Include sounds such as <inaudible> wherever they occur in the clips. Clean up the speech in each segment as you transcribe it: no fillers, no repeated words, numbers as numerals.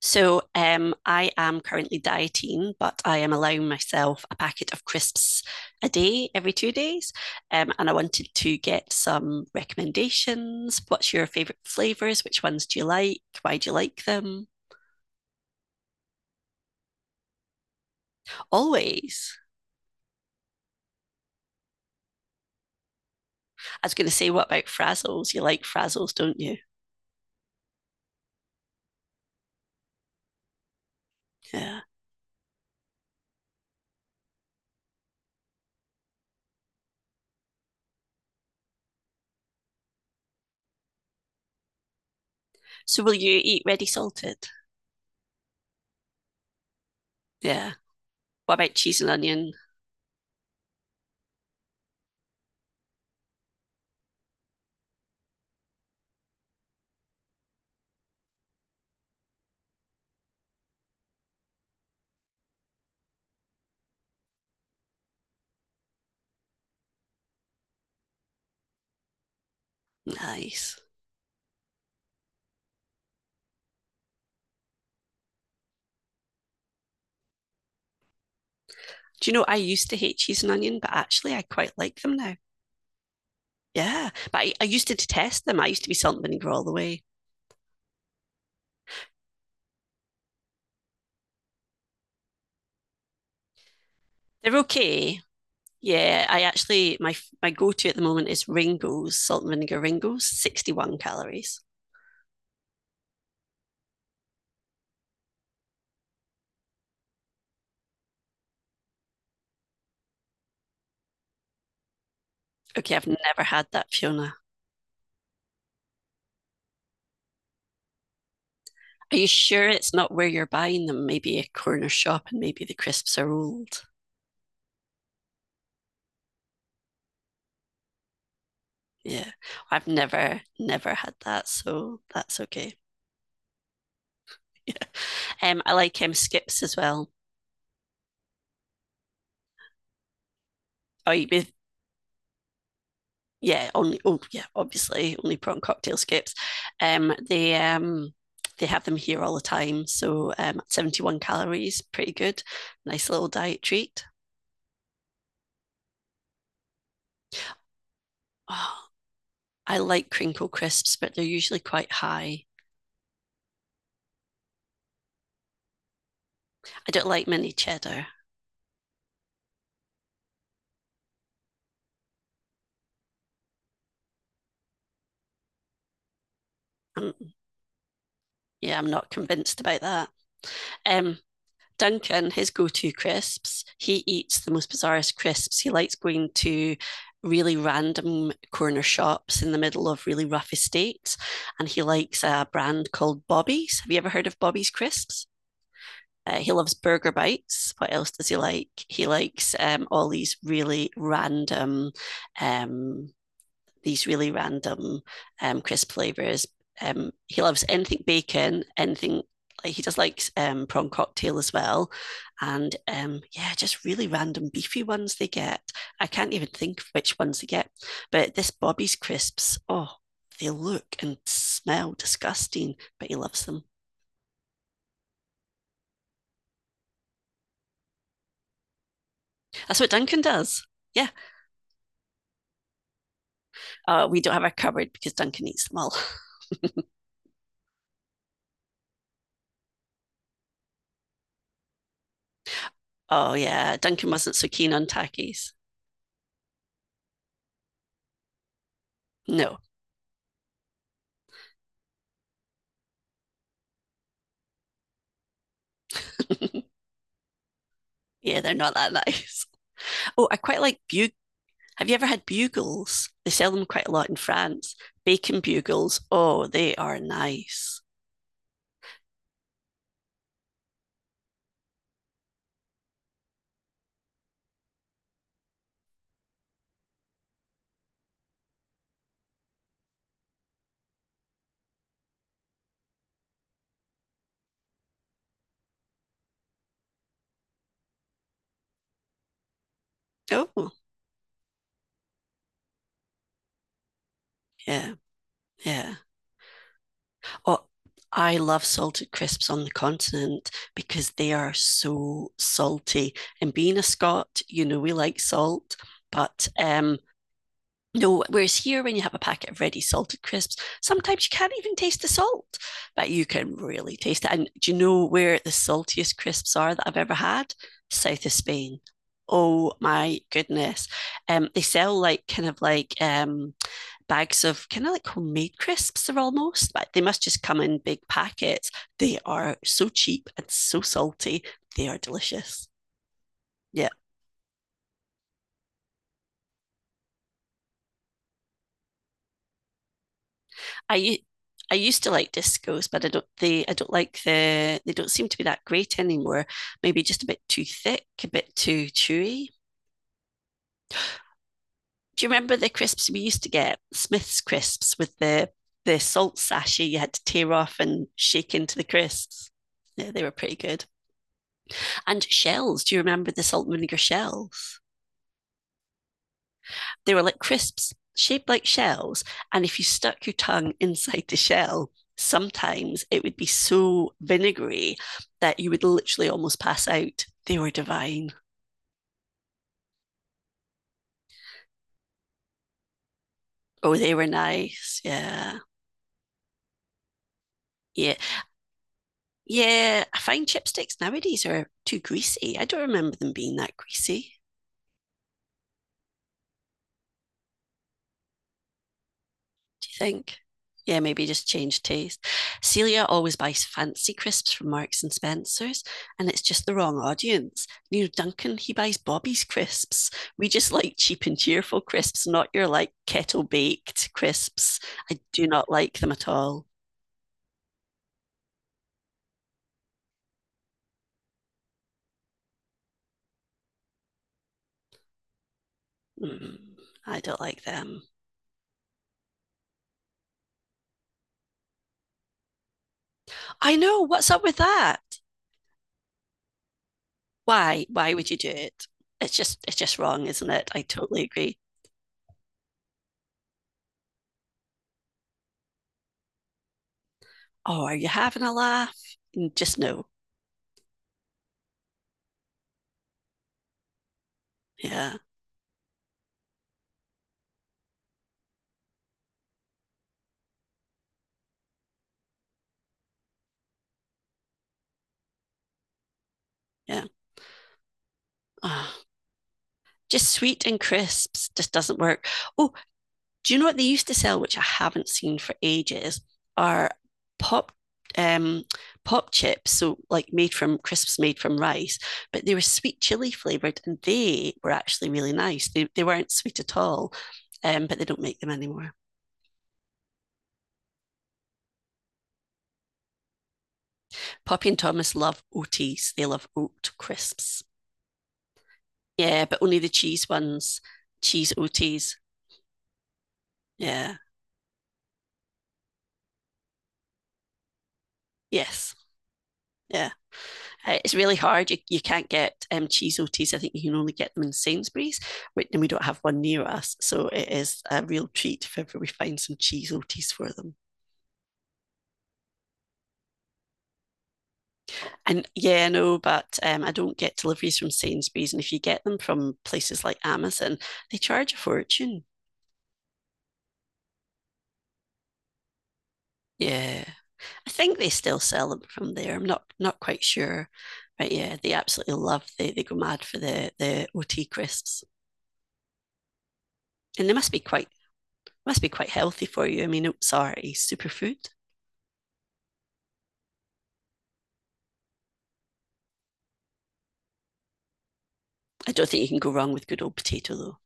So I am currently dieting, but I am allowing myself a packet of crisps a day every 2 days. And I wanted to get some recommendations. What's your favourite flavours? Which ones do you like? Why do you like them? Always. I was going to say, what about frazzles? You like frazzles, don't you? Yeah. So will you eat ready salted? Yeah. What about cheese and onion? Nice. Do you know I used to hate cheese and onion, but actually I quite like them now. Yeah, but I used to detest them. I used to be salt and vinegar all the way. They're okay. Yeah, I actually my go-to at the moment is Ringos, salt and vinegar Ringos, 61 calories. Okay, I've never had that, Fiona. Are you sure it's not where you're buying them? Maybe a corner shop and maybe the crisps are old. Yeah. I've never had that, so that's okay. <laughs> Yeah. I like skips as well. Oh, you- yeah, only, oh yeah, obviously only prawn cocktail skips. They they have them here all the time. So, 71 calories, pretty good, nice little diet treat. Oh, I like crinkle crisps, but they're usually quite high. I don't like mini cheddar. Um, yeah, I'm not convinced about that. Um, Duncan, his go to crisps, he eats the most bizarrest crisps. He likes going to really random corner shops in the middle of really rough estates. And he likes a brand called Bobby's. Have you ever heard of Bobby's Crisps? He loves burger bites. What else does he like? He likes all these really random, um, these really random crisp flavors. He loves anything bacon, anything. Like, he just likes prawn cocktail as well, and, yeah, just really random beefy ones they get. I can't even think which ones they get, but this Bobby's crisps, oh, they look and smell disgusting, but he loves them. That's what Duncan does. Yeah, we don't have a cupboard because Duncan eats them all. <laughs> Oh yeah, Duncan wasn't so keen on takis. No, <laughs> yeah, they're not that <laughs> nice. Oh, I quite like bug. Have you ever had bugles? They sell them quite a lot in France. Bacon bugles. Oh, they are nice. Oh, yeah, yeah. Oh, I love salted crisps on the continent because they are so salty. And being a Scot, we like salt, but no, whereas here, when you have a packet of ready salted crisps, sometimes you can't even taste the salt, but you can really taste it. And do you know where the saltiest crisps are that I've ever had? South of Spain. Oh my goodness. They sell like kind of like bags of kind of like homemade crisps, they're almost, but they must just come in big packets. They are so cheap and so salty. They are delicious. Yeah. I used to like discos, but I don't like they don't seem to be that great anymore. Maybe just a bit too thick, a bit too chewy. Do you remember the crisps we used to get? Smith's crisps with the salt sachet you had to tear off and shake into the crisps. Yeah, they were pretty good. And shells. Do you remember the salt and vinegar shells? They were like crisps shaped like shells. And if you stuck your tongue <laughs> inside the shell, sometimes it would be so vinegary that you would literally almost pass out. They were divine. Oh, they were nice. Yeah. Yeah. Yeah. I find chipsticks nowadays are too greasy. I don't remember them being that greasy. Do you think? Yeah, maybe just change taste. Celia always buys fancy crisps from Marks and Spencer's, and it's just the wrong audience. You know, Duncan, he buys Bobby's crisps. We just like cheap and cheerful crisps, not your like kettle baked crisps. I do not like them at all. Mm, I don't like them. I know. What's up with that? Why? Why would you do it? It's just wrong, isn't it? I totally agree. Oh, are you having a laugh? Mm, just no. Yeah, yeah. Oh, just sweet and crisps just doesn't work. Oh, do you know what they used to sell, which I haven't seen for ages, are pop um pop chips, so like made from crisps made from rice, but they were sweet chili flavored, and they were actually really nice. They weren't sweet at all, but they don't make them anymore. Poppy and Thomas love oats. They love oat crisps. Yeah, but only the cheese ones. Cheese oats. Yeah. Yes. Yeah, it's really hard. You can't get cheese OTs. I think you can only get them in Sainsbury's, and we don't have one near us. So it is a real treat if ever we find some cheese OTs for them. And yeah, I know, but, I don't get deliveries from Sainsbury's. And if you get them from places like Amazon, they charge a fortune. Yeah. I think they still sell them from there. I'm not quite sure. But yeah, they absolutely love they go mad for the OT crisps. And they must be quite healthy for you. I mean, oats are a superfood. I don't think you can go wrong with good old potato though.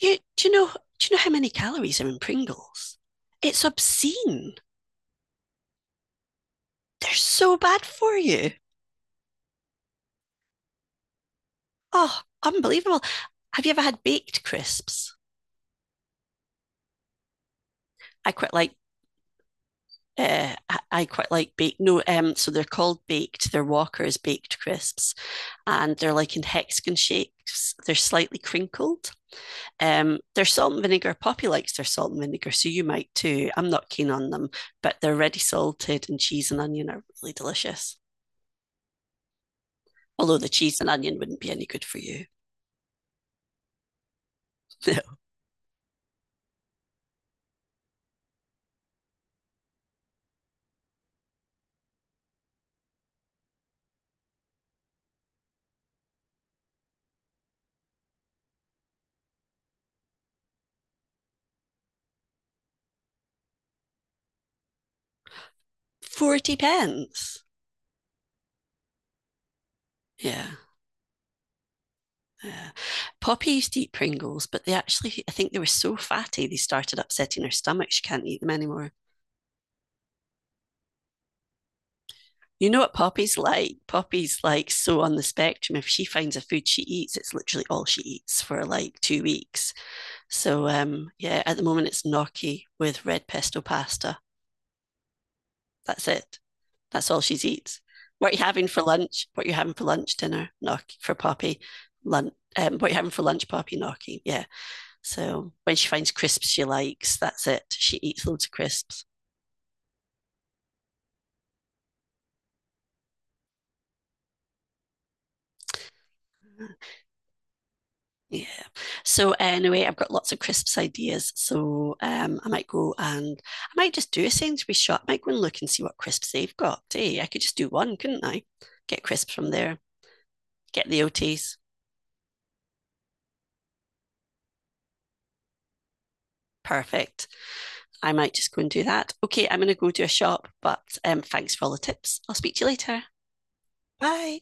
You do you know how many calories are in Pringles? It's obscene. They're so bad for you. Oh, unbelievable. Have you ever had baked crisps? I quite like I quite like baked. No, so they're called baked. They're Walker's baked crisps, and they're like in hexagon shapes. They're slightly crinkled. There's salt and vinegar. Poppy likes their salt and vinegar, so you might too. I'm not keen on them, but they're ready salted, and cheese and onion are really delicious. Although the cheese and onion wouldn't be any good for you. <laughs> 40 pence. Yeah. Yeah. Poppy used to eat Pringles, but they actually, I think they were so fatty, they started upsetting her stomach. She can't eat them anymore. You know what Poppy's like? Poppy's like so on the spectrum. If she finds a food she eats, it's literally all she eats for like 2 weeks. So, yeah, at the moment it's gnocchi with red pesto pasta. That's it. That's all she eats. What are you having for lunch? What are you having for lunch, dinner? Gnocchi for Poppy. Lunch. What are you having for lunch, Poppy? Gnocchi. Yeah. So when she finds crisps she likes, that's it. She eats loads of crisps. Yeah. So anyway, I've got lots of crisps ideas. So, I might go and I might just do a Sainsbury's shop. I might go and look and see what crisps they've got. Hey, I could just do one, couldn't I? Get crisps from there. Get the OTs. Perfect. I might just go and do that. Okay, I'm going to go to a shop, but, thanks for all the tips. I'll speak to you later. Bye.